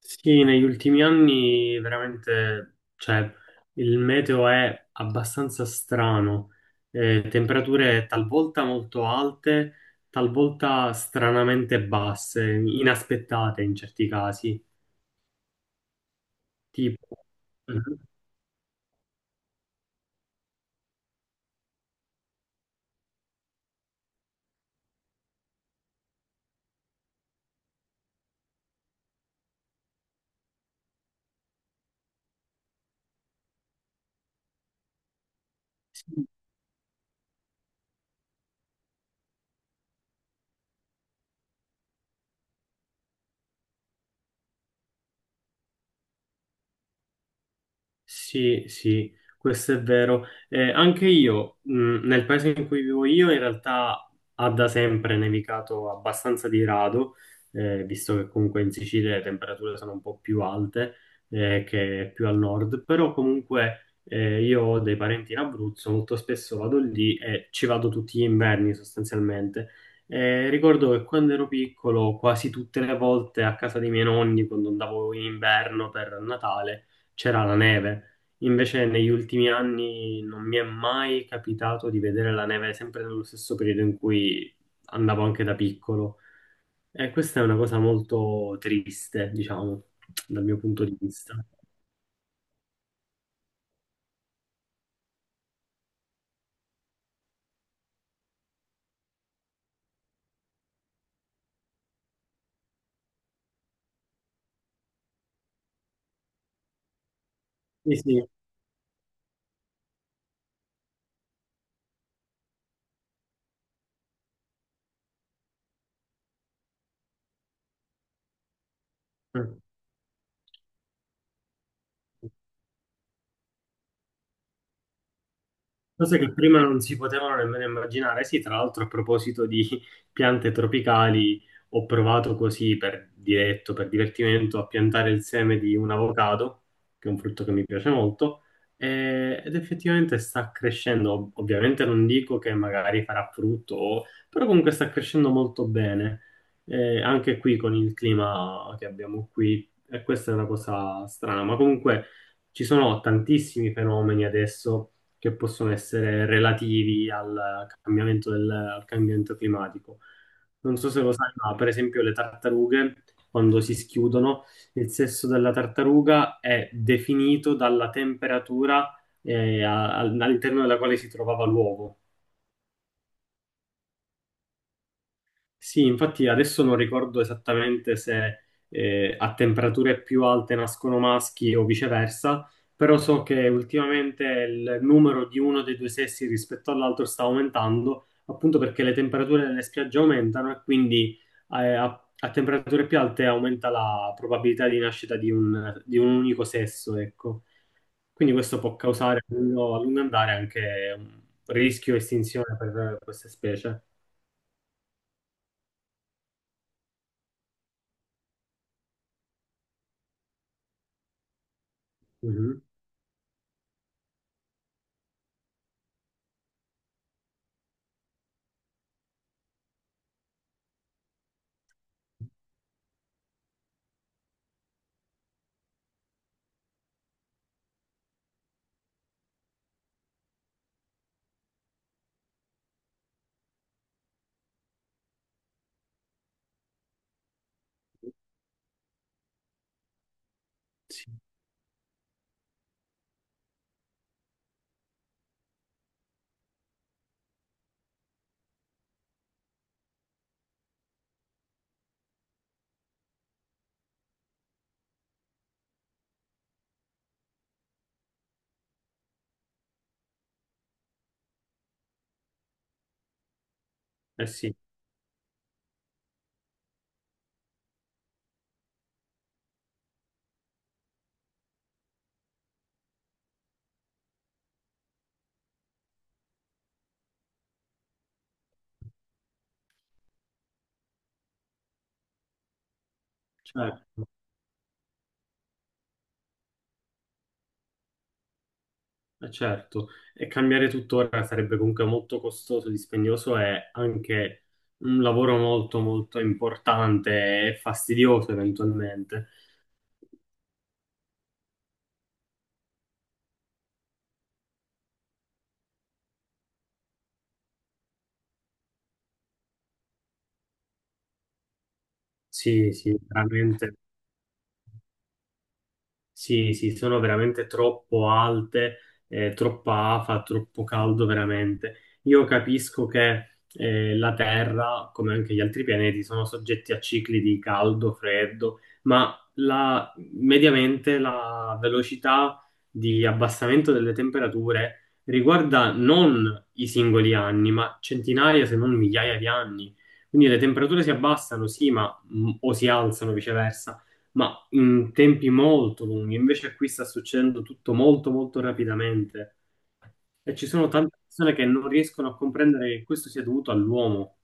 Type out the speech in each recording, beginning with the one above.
Sì, negli ultimi anni veramente, cioè, il meteo è abbastanza strano, temperature talvolta molto alte, talvolta stranamente basse, inaspettate in certi casi. Tipo. Sì, sì, questo è vero. Anche io, nel paese in cui vivo io, in realtà ha da sempre nevicato abbastanza di rado, visto che comunque in Sicilia le temperature sono un po' più alte, che più al nord, però comunque io ho dei parenti in Abruzzo, molto spesso vado lì e ci vado tutti gli inverni sostanzialmente. Ricordo che quando ero piccolo, quasi tutte le volte a casa dei miei nonni, quando andavo in inverno per Natale, c'era la neve. Invece negli ultimi anni non mi è mai capitato di vedere la neve sempre nello stesso periodo in cui andavo anche da piccolo. E questa è una cosa molto triste, diciamo, dal mio punto di vista. Sì, sì. Mm. Cose che prima non si potevano nemmeno immaginare. Sì, tra l'altro a proposito di piante tropicali, ho provato così per diretto, per divertimento, a piantare il seme di un avocado, che è un frutto che mi piace molto, ed effettivamente sta crescendo. Ovviamente non dico che magari farà frutto, però comunque sta crescendo molto bene. E anche qui con il clima che abbiamo qui, e questa è una cosa strana, ma comunque ci sono tantissimi fenomeni adesso che possono essere relativi al cambiamento, al cambiamento climatico. Non so se lo sai, ma per esempio le tartarughe, quando si schiudono, il sesso della tartaruga è definito dalla temperatura all'interno della quale si trovava l'uovo. Sì, infatti adesso non ricordo esattamente se a temperature più alte nascono maschi o viceversa, però so che ultimamente il numero di uno dei due sessi rispetto all'altro sta aumentando, appunto perché le temperature delle spiagge aumentano e quindi a temperature più alte aumenta la probabilità di nascita di un unico sesso, ecco. Quindi questo può causare a lungo andare anche un rischio estinzione per queste specie. Mhm. Eh sì. Certo, certo. E cambiare tuttora sarebbe comunque molto costoso, dispendioso e anche un lavoro molto molto importante e fastidioso eventualmente. Sì, sì, veramente. Sì, sì, sono veramente troppo alte, troppa afa, troppo caldo veramente. Io capisco che la Terra, come anche gli altri pianeti, sono soggetti a cicli di caldo, freddo, ma mediamente la velocità di abbassamento delle temperature riguarda non i singoli anni, ma centinaia se non migliaia di anni. Quindi le temperature si abbassano, sì, ma, o si alzano viceversa. Ma in tempi molto lunghi, invece qui sta succedendo tutto molto molto rapidamente e ci sono tante persone che non riescono a comprendere che questo sia dovuto all'uomo.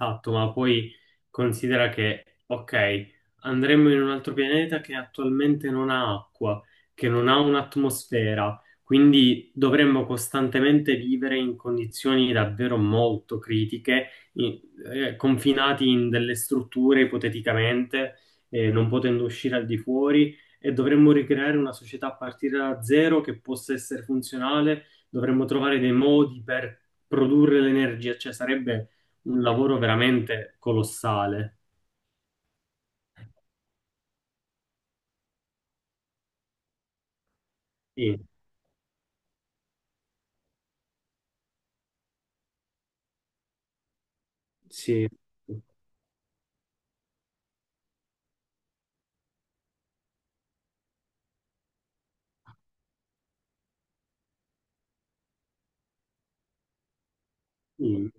Esatto, ma poi considera che, ok, andremmo in un altro pianeta che attualmente non ha acqua, che non ha un'atmosfera, quindi dovremmo costantemente vivere in condizioni davvero molto critiche, in- confinati in delle strutture ipoteticamente, non potendo uscire al di fuori, e dovremmo ricreare una società a partire da zero che possa essere funzionale, dovremmo trovare dei modi per produrre l'energia, cioè sarebbe un lavoro veramente colossale. Sì, sì, sì.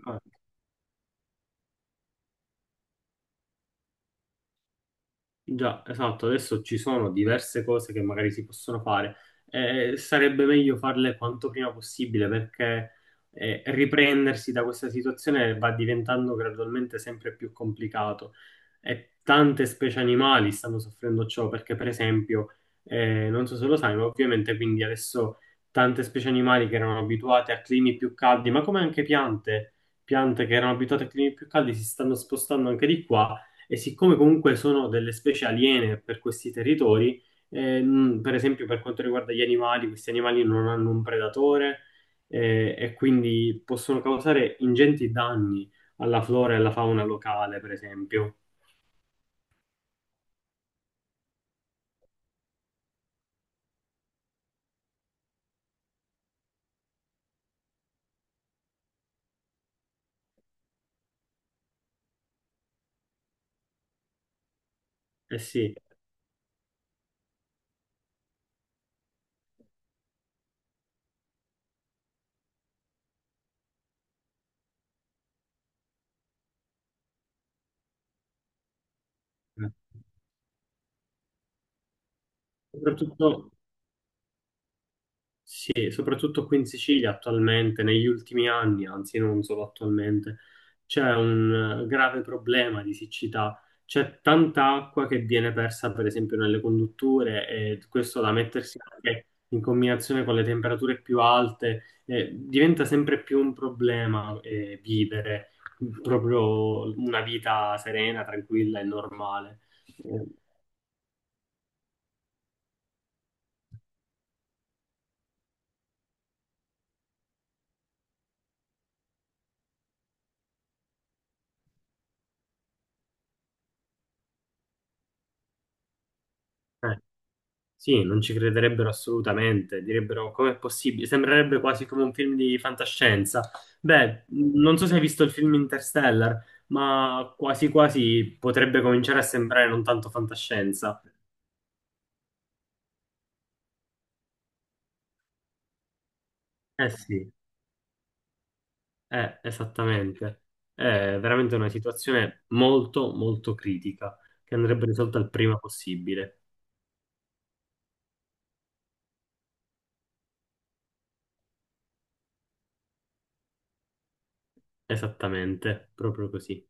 Già, esatto, adesso ci sono diverse cose che magari si possono fare e sarebbe meglio farle quanto prima possibile perché riprendersi da questa situazione va diventando gradualmente sempre più complicato e tante specie animali stanno soffrendo ciò perché per esempio, non so se lo sai, ma ovviamente quindi adesso tante specie animali che erano abituate a climi più caldi, ma come anche piante, piante che erano abituate a climi più caldi si stanno spostando anche di qua e siccome comunque sono delle specie aliene per questi territori, per esempio per quanto riguarda gli animali, questi animali non hanno un predatore e quindi possono causare ingenti danni alla flora e alla fauna locale, per esempio. Eh sì, soprattutto Sì, soprattutto qui in Sicilia attualmente, negli ultimi anni, anzi non solo attualmente, c'è un grave problema di siccità. C'è tanta acqua che viene persa, per esempio, nelle condutture e questo da mettersi anche in combinazione con le temperature più alte, diventa sempre più un problema, vivere proprio una vita serena, tranquilla e normale. Eh, eh sì, non ci crederebbero assolutamente, direbbero com'è possibile, sembrerebbe quasi come un film di fantascienza. Beh, non so se hai visto il film Interstellar, ma quasi quasi potrebbe cominciare a sembrare non tanto fantascienza. Eh sì, esattamente. È veramente una situazione molto, molto critica, che andrebbe risolta il prima possibile. Esattamente, proprio così.